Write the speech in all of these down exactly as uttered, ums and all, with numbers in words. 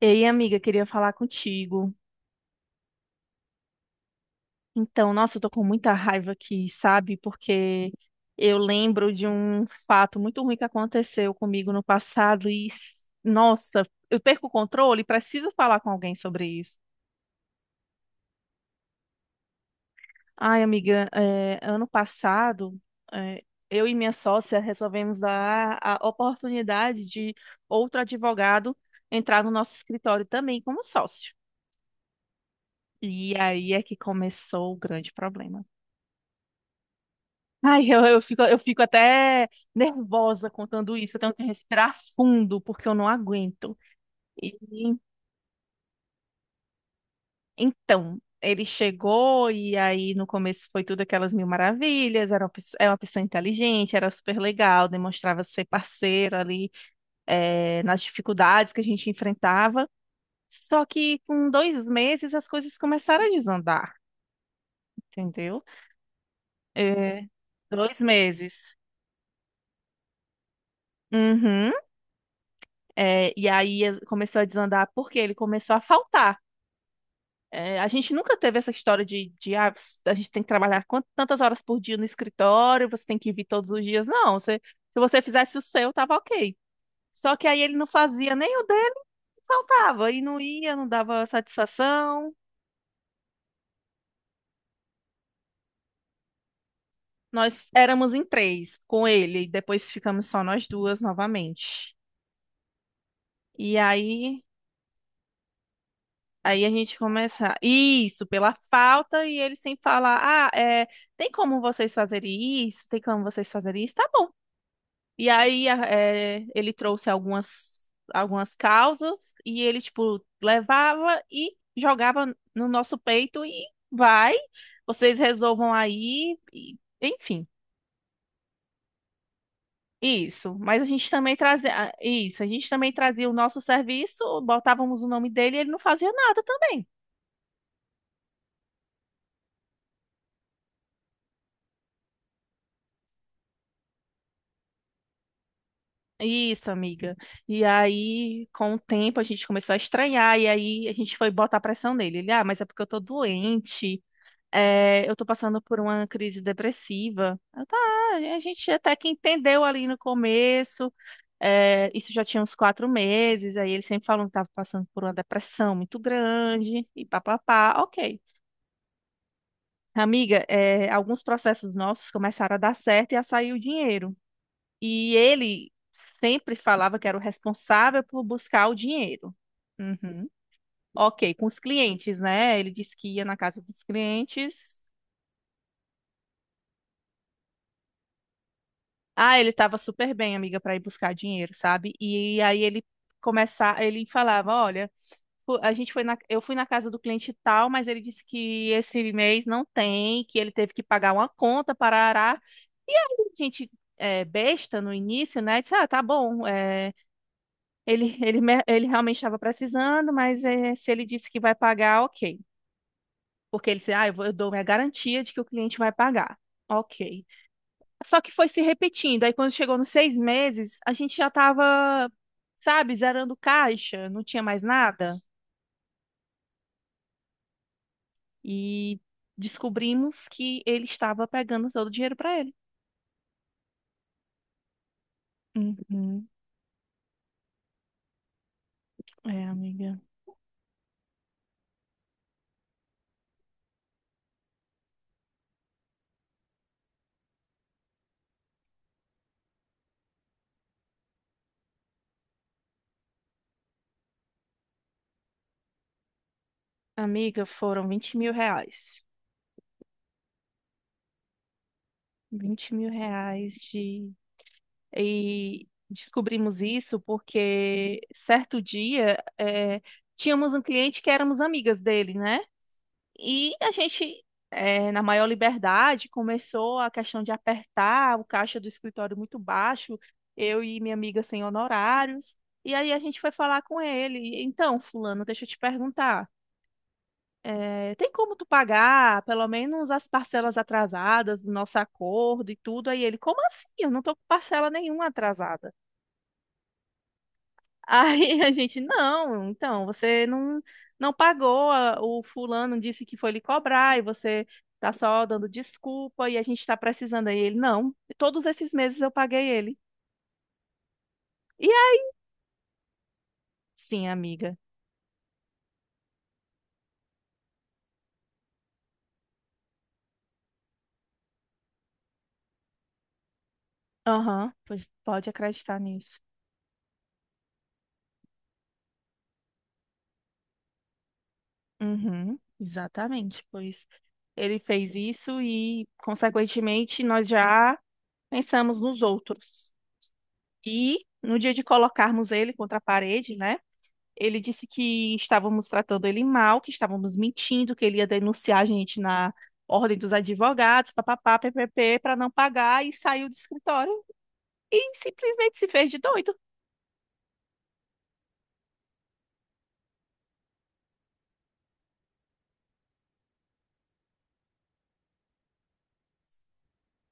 Ei, amiga, queria falar contigo. Então, nossa, eu tô com muita raiva aqui, sabe? Porque eu lembro de um fato muito ruim que aconteceu comigo no passado e, nossa, eu perco o controle e preciso falar com alguém sobre isso. Ai, amiga, é, ano passado, é, eu e minha sócia resolvemos dar a oportunidade de outro advogado entrar no nosso escritório também como sócio. E aí é que começou o grande problema. Ai, eu, eu fico, eu fico até nervosa contando isso. Eu tenho que respirar fundo, porque eu não aguento. E então, ele chegou, e aí no começo foi tudo aquelas mil maravilhas. Era uma, pes- é uma pessoa inteligente, era super legal, demonstrava ser parceiro ali, eh, nas dificuldades que a gente enfrentava. Só que com dois meses as coisas começaram a desandar, entendeu? É, dois meses. Uhum. É, e aí eh, começou a desandar porque ele começou a faltar. É, a gente nunca teve essa história de, de ah, ps- a gente tem que trabalhar quant- tantas horas por dia no escritório, você tem que vir todos os dias. Não, você- se você fizesse o seu, tava ok. Só que aí ele não fazia nem o dele, faltava, e não ia, não dava satisfação. Nós éramos em três com ele, e depois ficamos só nós duas novamente. E aí Aí a gente começa, isso, pela falta, e ele sem falar, ah, é, tem como vocês fazerem isso? Tem como vocês fazerem isso? Tá bom. E aí a- é, ele trouxe algumas, algumas causas, e ele, tipo, levava e jogava no nosso peito, e vai, vocês resolvam aí, e- enfim, isso. Mas a gente também trazia, ah, isso, a gente também trazia o nosso serviço, botávamos o nome dele, e ele não fazia nada também. Isso, amiga. E aí, com o tempo, a gente começou a estranhar, e aí a gente foi botar pressão nele. Ele, ah, mas é porque eu tô doente, é, eu tô passando por uma crise depressiva. Eu, tá, a gente até que entendeu ali no começo, é, isso já tinha uns quatro meses, aí ele sempre falou que tava passando por uma depressão muito grande, e papapá, ok. Amiga, é, alguns processos nossos começaram a dar certo e a sair o dinheiro. E ele sempre falava que era o responsável por buscar o dinheiro. Uhum. Ok, com os clientes, né? Ele disse que ia na casa dos clientes. Ah, ele tava super bem, amiga, para ir buscar dinheiro, sabe? E aí ele começava, ele falava, olha, fu- a gente foi na, eu fui na casa do cliente tal, mas ele disse que esse mês não tem, que ele teve que pagar uma conta para arar. E aí a gente, é, besta no início, né? Disse, ah, tá bom. é, Ele, ele, me- ele realmente estava precisando, mas eh, se ele disse que vai pagar, ok. Porque ele disse, ah, eu, vou- eu dou minha garantia de que o cliente vai pagar. Ok. Só que foi se repetindo. Aí quando chegou nos seis meses, a gente já estava, sabe, zerando caixa, não tinha mais nada. E descobrimos que ele estava pegando todo o dinheiro para ele. Uhum. É, amiga. Amiga, foram vinte mil reais. Vinte mil reais de E descobrimos isso porque certo dia é, tínhamos um cliente que éramos amigas dele, né? E a gente, é, na maior liberdade, começou a questão de apertar o caixa do escritório muito baixo, eu e minha amiga sem honorários. E aí a gente foi falar com ele. Então, fulano, deixa eu te perguntar. É, tem como tu pagar pelo menos as parcelas atrasadas do nosso acordo e tudo? Aí ele, como assim? Eu não tô com parcela nenhuma atrasada. Aí a gente, não, então, você não, não pagou, a- o fulano disse que foi lhe cobrar e você tá só dando desculpa e a gente tá precisando. Aí ele, não, todos esses meses eu paguei ele. E é sim, amiga. Aham, pois pode acreditar nisso. Uhum, exatamente, pois ele fez isso e, consequentemente, nós já pensamos nos outros. E no dia de colocarmos ele contra a parede, né? Ele disse que estávamos tratando ele mal, que estávamos mentindo, que ele ia denunciar a gente na ordem dos advogados, papapá, ppp, para não pagar e saiu do escritório e simplesmente se fez de doido.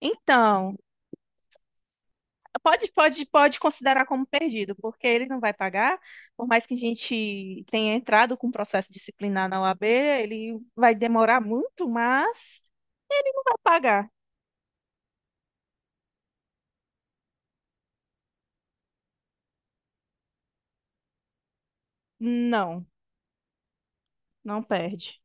Então, pode, pode, pode considerar como perdido, porque ele não vai pagar, por mais que a gente tenha entrado com um processo disciplinar na O A B, ele vai demorar muito, mas não vai pagar. Não, não perde.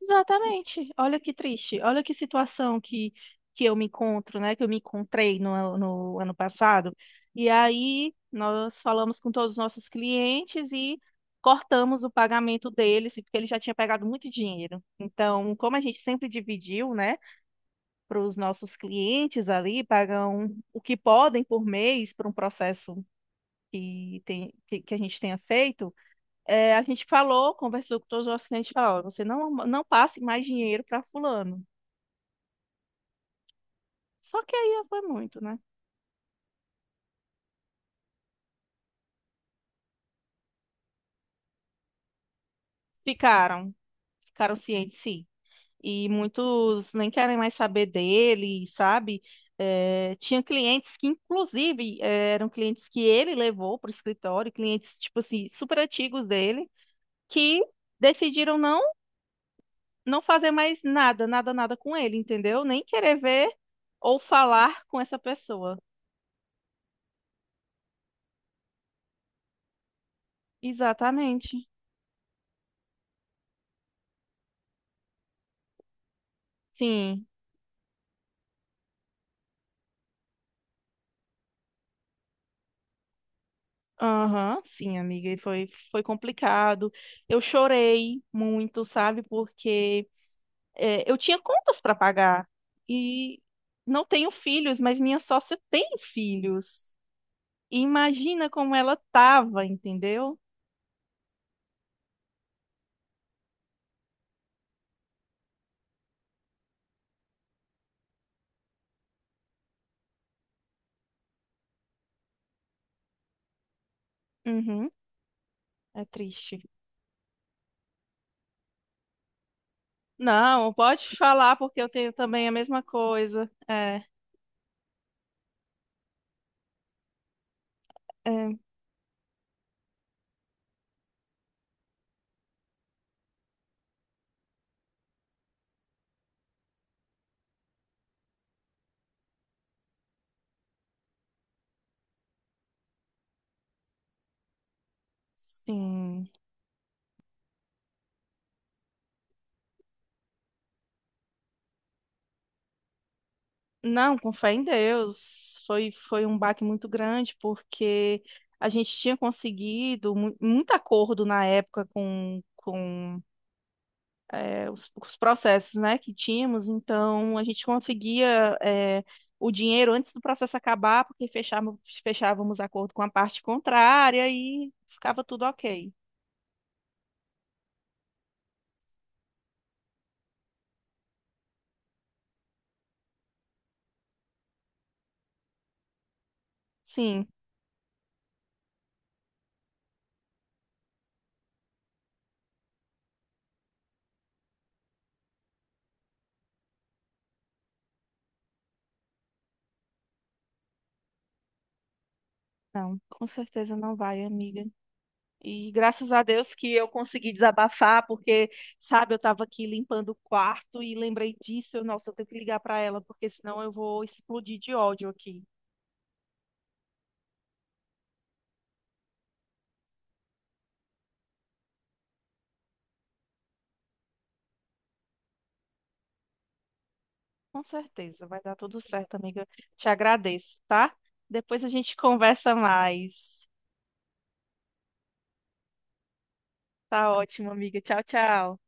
Exatamente. Olha que triste. Olha que situação que, que eu me encontro, né? Que eu me encontrei no, ano- no ano passado. E aí nós falamos com todos os nossos clientes e cortamos o pagamento deles, porque ele já tinha pegado muito dinheiro. Então, como a gente sempre dividiu, né, para os nossos clientes ali, pagam o que podem por mês para um processo que, tem, que, que a gente tenha feito. É, a gente falou, conversou com todos os nossos clientes, falou, "Ó, você não, não passe mais dinheiro para fulano. Só que aí foi muito, né? Ficaram, ficaram cientes, sim. E muitos nem querem mais saber dele, sabe? É, tinha clientes que, inclusive, é, eram clientes que ele levou para o escritório, clientes, tipo assim, super antigos dele, que decidiram não, não fazer mais nada, nada, nada com ele, entendeu? Nem querer ver ou falar com essa pessoa. Exatamente. Sim. Aham, sim, amiga, e foi, foi complicado. Eu chorei muito, sabe? Porque é, eu tinha contas para pagar e não tenho filhos, mas minha sócia tem filhos. E imagina como ela tava, entendeu? Uhum, é triste. Não, pode falar, porque eu tenho também a mesma coisa. É, é, sim. Não, com fé em Deus. Foi, foi um baque muito grande, porque a gente tinha conseguido mu- muito acordo na época com, com é, os, os processos, né, que tínhamos. Então, a gente conseguia é, o dinheiro antes do processo acabar, porque fechávamos, fechávamos acordo com a parte contrária e ficava tudo ok. Sim, não, com certeza não vai, amiga. E graças a Deus que eu consegui desabafar, porque, sabe, eu estava aqui limpando o quarto e lembrei disso. Eu, nossa, eu tenho que ligar para ela, porque senão eu vou explodir de ódio aqui. Com certeza, vai dar tudo certo, amiga. Te agradeço, tá? Depois a gente conversa mais. Tá ótimo, amiga. Tchau, tchau.